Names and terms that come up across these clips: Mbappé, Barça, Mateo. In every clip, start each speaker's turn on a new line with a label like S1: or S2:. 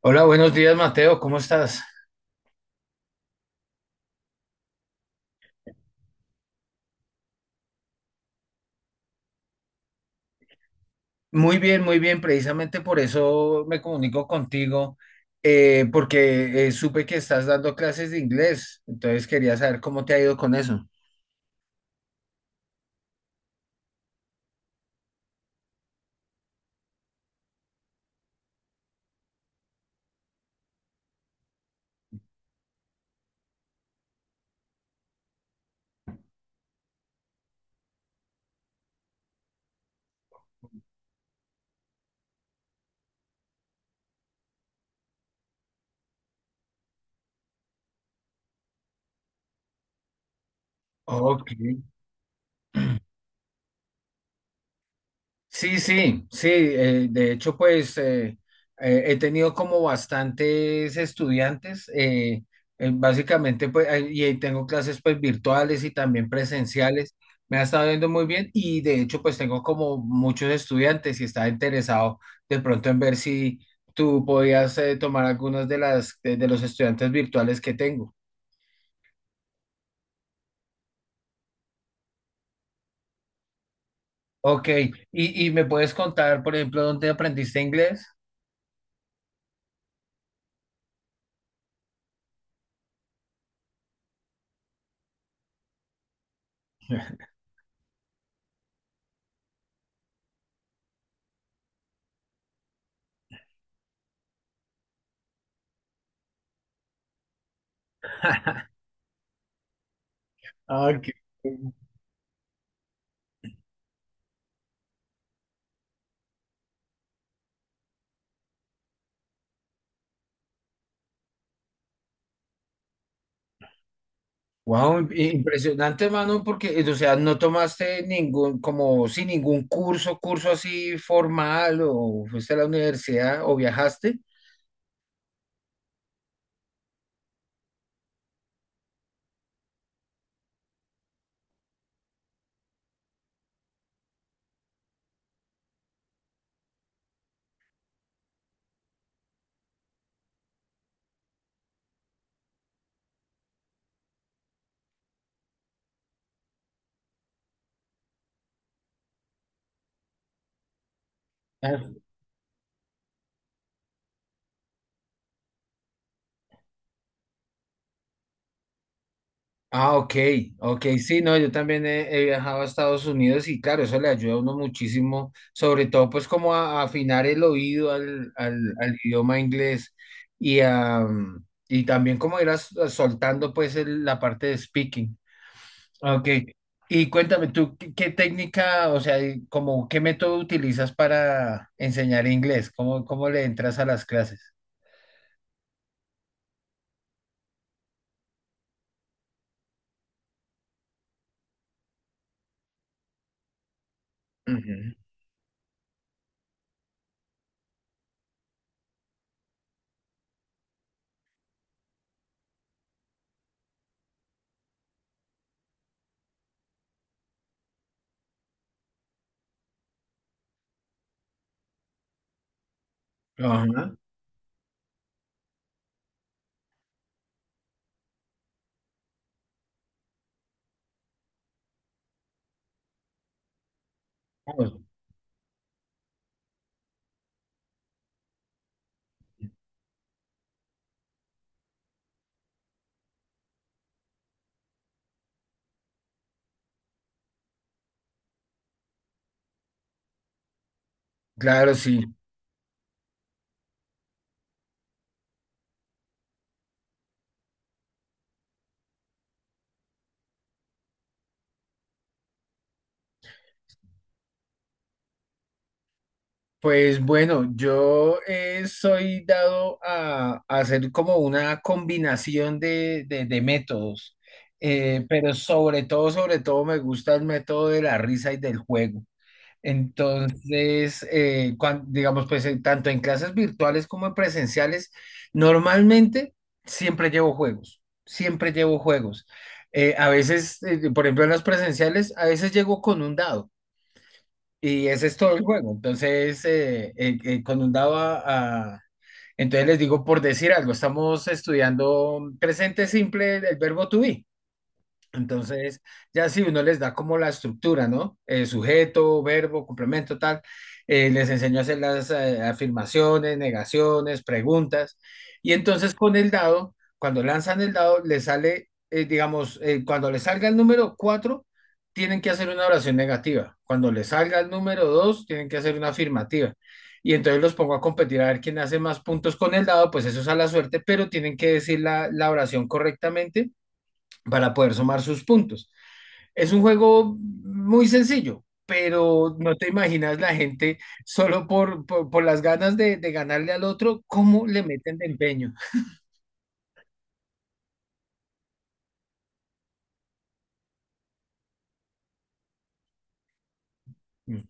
S1: Hola, buenos días, Mateo, ¿cómo estás? Muy bien, precisamente por eso me comunico contigo, porque supe que estás dando clases de inglés, entonces quería saber cómo te ha ido con eso. Ok. Sí, sí, sí. De hecho, pues he tenido como bastantes estudiantes, básicamente, pues, y ahí tengo clases, pues virtuales y también presenciales. Me ha estado yendo muy bien y, de hecho, pues tengo como muchos estudiantes y estaba interesado, de pronto, en ver si tú podías, tomar algunos de los estudiantes virtuales que tengo. Ok, y me puedes contar, por ejemplo, ¿dónde aprendiste inglés? Ah, ok. Wow, impresionante, mano, porque, o sea, no tomaste ningún, como sin ningún curso así formal, o fuiste a la universidad, o viajaste. Ah. Ah, ok, ok, sí, no, yo también he viajado a Estados Unidos y claro, eso le ayuda a uno muchísimo, sobre todo pues como a afinar el oído al, idioma inglés y, y también como ir soltando pues la parte de speaking. Ok. Y cuéntame tú, ¿qué técnica, o sea, y como qué método utilizas para enseñar inglés? ¿Cómo le entras a las clases? Ujú. Ajá. Ajá. Bueno. Claro, sí. Pues bueno, yo, soy dado a hacer como una combinación de métodos. Pero sobre todo me gusta el método de la risa y del juego. Entonces, digamos, pues tanto en clases virtuales como en presenciales, normalmente siempre llevo juegos, siempre llevo juegos. A veces, por ejemplo, en las presenciales, a veces llego con un dado y ese es todo el juego. Entonces, con un dado entonces les digo, por decir algo, estamos estudiando presente simple, el verbo to be. Entonces, ya si uno les da como la estructura, ¿no? Sujeto, verbo, complemento, tal, les enseño a hacer las, afirmaciones, negaciones, preguntas. Y entonces con el dado, cuando lanzan el dado, les sale, digamos, cuando les salga el número 4 tienen que hacer una oración negativa. Cuando les salga el número 2 tienen que hacer una afirmativa. Y entonces los pongo a competir a ver quién hace más puntos con el dado. Pues eso es a la suerte, pero tienen que decir la oración correctamente para poder sumar sus puntos. Es un juego muy sencillo, pero no te imaginas la gente, solo por las ganas de ganarle al otro, cómo le meten de empeño. Mm.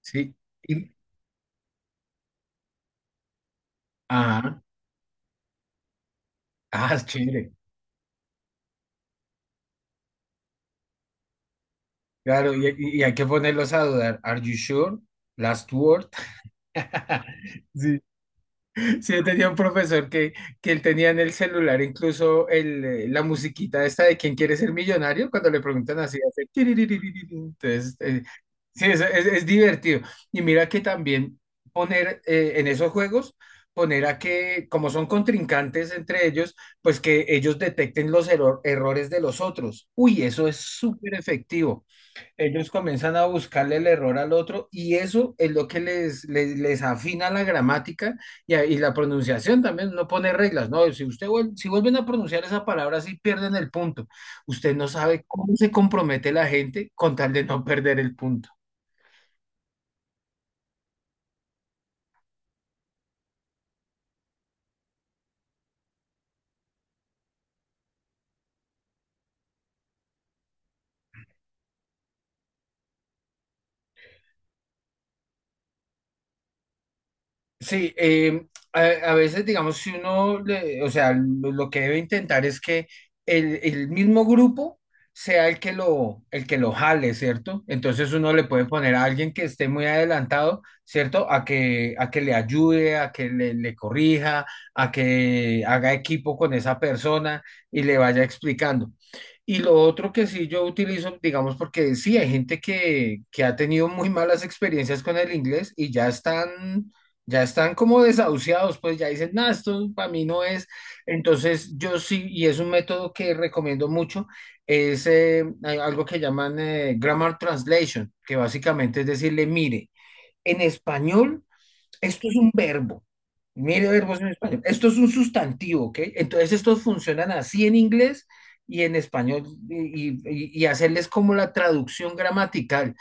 S1: Sí. Y, ah, es chévere. Claro, y, y hay que ponerlos a dudar. ¿Are you sure? Last word. Sí. Sí, yo tenía un profesor que, él tenía en el celular incluso el, la musiquita esta de ¿quién quiere ser millonario? Cuando le preguntan así, hace tiriririririri. Entonces, sí, es, es divertido. Y mira que también poner, en esos juegos, poner a que, como son contrincantes entre ellos, pues que ellos detecten los errores de los otros. Uy, eso es súper efectivo. Ellos comienzan a buscarle el error al otro, y eso es lo que les, les afina la gramática y, y la pronunciación también. No, pone reglas, ¿no? Si vuelven a pronunciar esa palabra, sí pierden el punto. Usted no sabe cómo se compromete la gente con tal de no perder el punto. Sí, a, veces digamos, si uno, o sea, lo que debe intentar es que el mismo grupo sea el que lo jale, ¿cierto? Entonces uno le puede poner a alguien que esté muy adelantado, ¿cierto? A que, le ayude, a que le corrija, a que haga equipo con esa persona y le vaya explicando. Y lo otro que sí yo utilizo, digamos, porque sí, hay gente que, ha tenido muy malas experiencias con el inglés y ya están como desahuciados, pues ya dicen, nada, esto para mí no es. Entonces, yo sí, y es un método que recomiendo mucho, es hay algo que llaman, grammar translation, que básicamente es decirle, mire, en español, esto es un verbo. Mire verbos en español. Esto es un sustantivo, ¿ok? Entonces, estos funcionan así en inglés y en español, y, y hacerles como la traducción gramatical.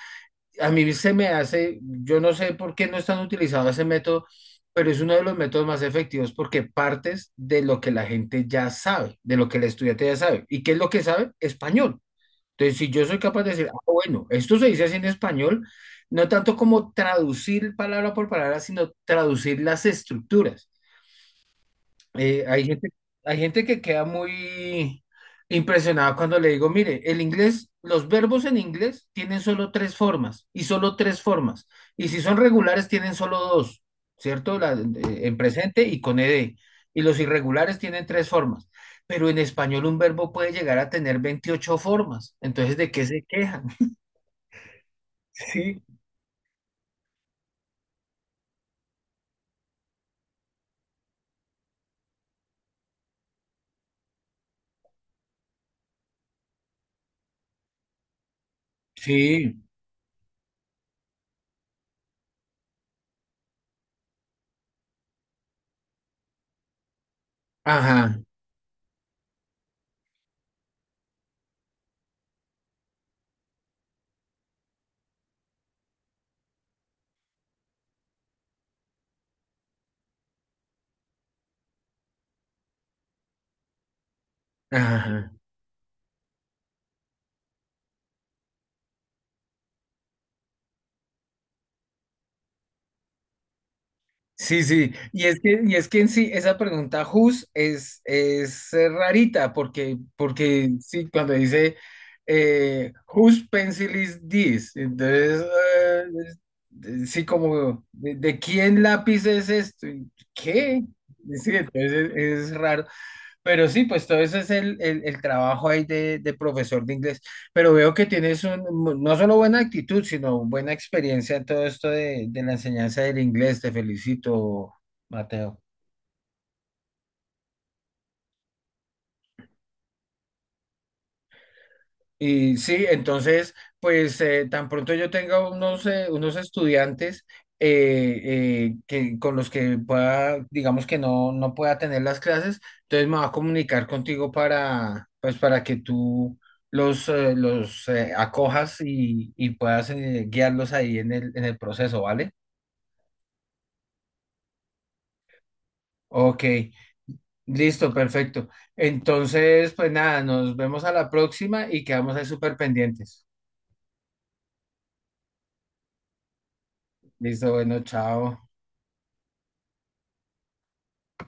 S1: A mí se me hace, yo no sé por qué no están utilizando ese método, pero es uno de los métodos más efectivos porque partes de lo que la gente ya sabe, de lo que el estudiante ya sabe. ¿Y qué es lo que sabe? Español. Entonces, si yo soy capaz de decir, ah, bueno, esto se dice así en español, no tanto como traducir palabra por palabra, sino traducir las estructuras. Hay gente, que queda muy impresionada cuando le digo, mire, el inglés, los verbos en inglés tienen solo tres formas y solo tres formas. Y si son regulares, tienen solo dos, ¿cierto? En presente y con ed. Y los irregulares tienen tres formas. Pero en español un verbo puede llegar a tener 28 formas. Entonces, ¿de qué se quejan? Sí. Sí, ajá, ajá. Sí, sí, y es que, en sí, esa pregunta Who's, es rarita, porque, sí, cuando dice, Whose pencil is this? Entonces, eh, sí, como, ¿de, quién lápiz es esto? ¿Y ¿qué? Sí, entonces es, raro. Pero sí, pues todo ese es el, el trabajo ahí de, profesor de inglés. Pero veo que tienes no solo buena actitud, sino buena experiencia en todo esto de, la enseñanza del inglés. Te felicito, Mateo. Y sí, entonces, pues tan pronto yo tenga unos, estudiantes, con los que pueda, digamos, que no, pueda tener las clases, entonces me va a comunicar contigo para, pues, para que tú los acojas y, puedas, guiarlos ahí en en el proceso, ¿vale? Ok, listo, perfecto. Entonces, pues nada, nos vemos a la próxima y quedamos ahí súper pendientes. Listo, bueno, chao.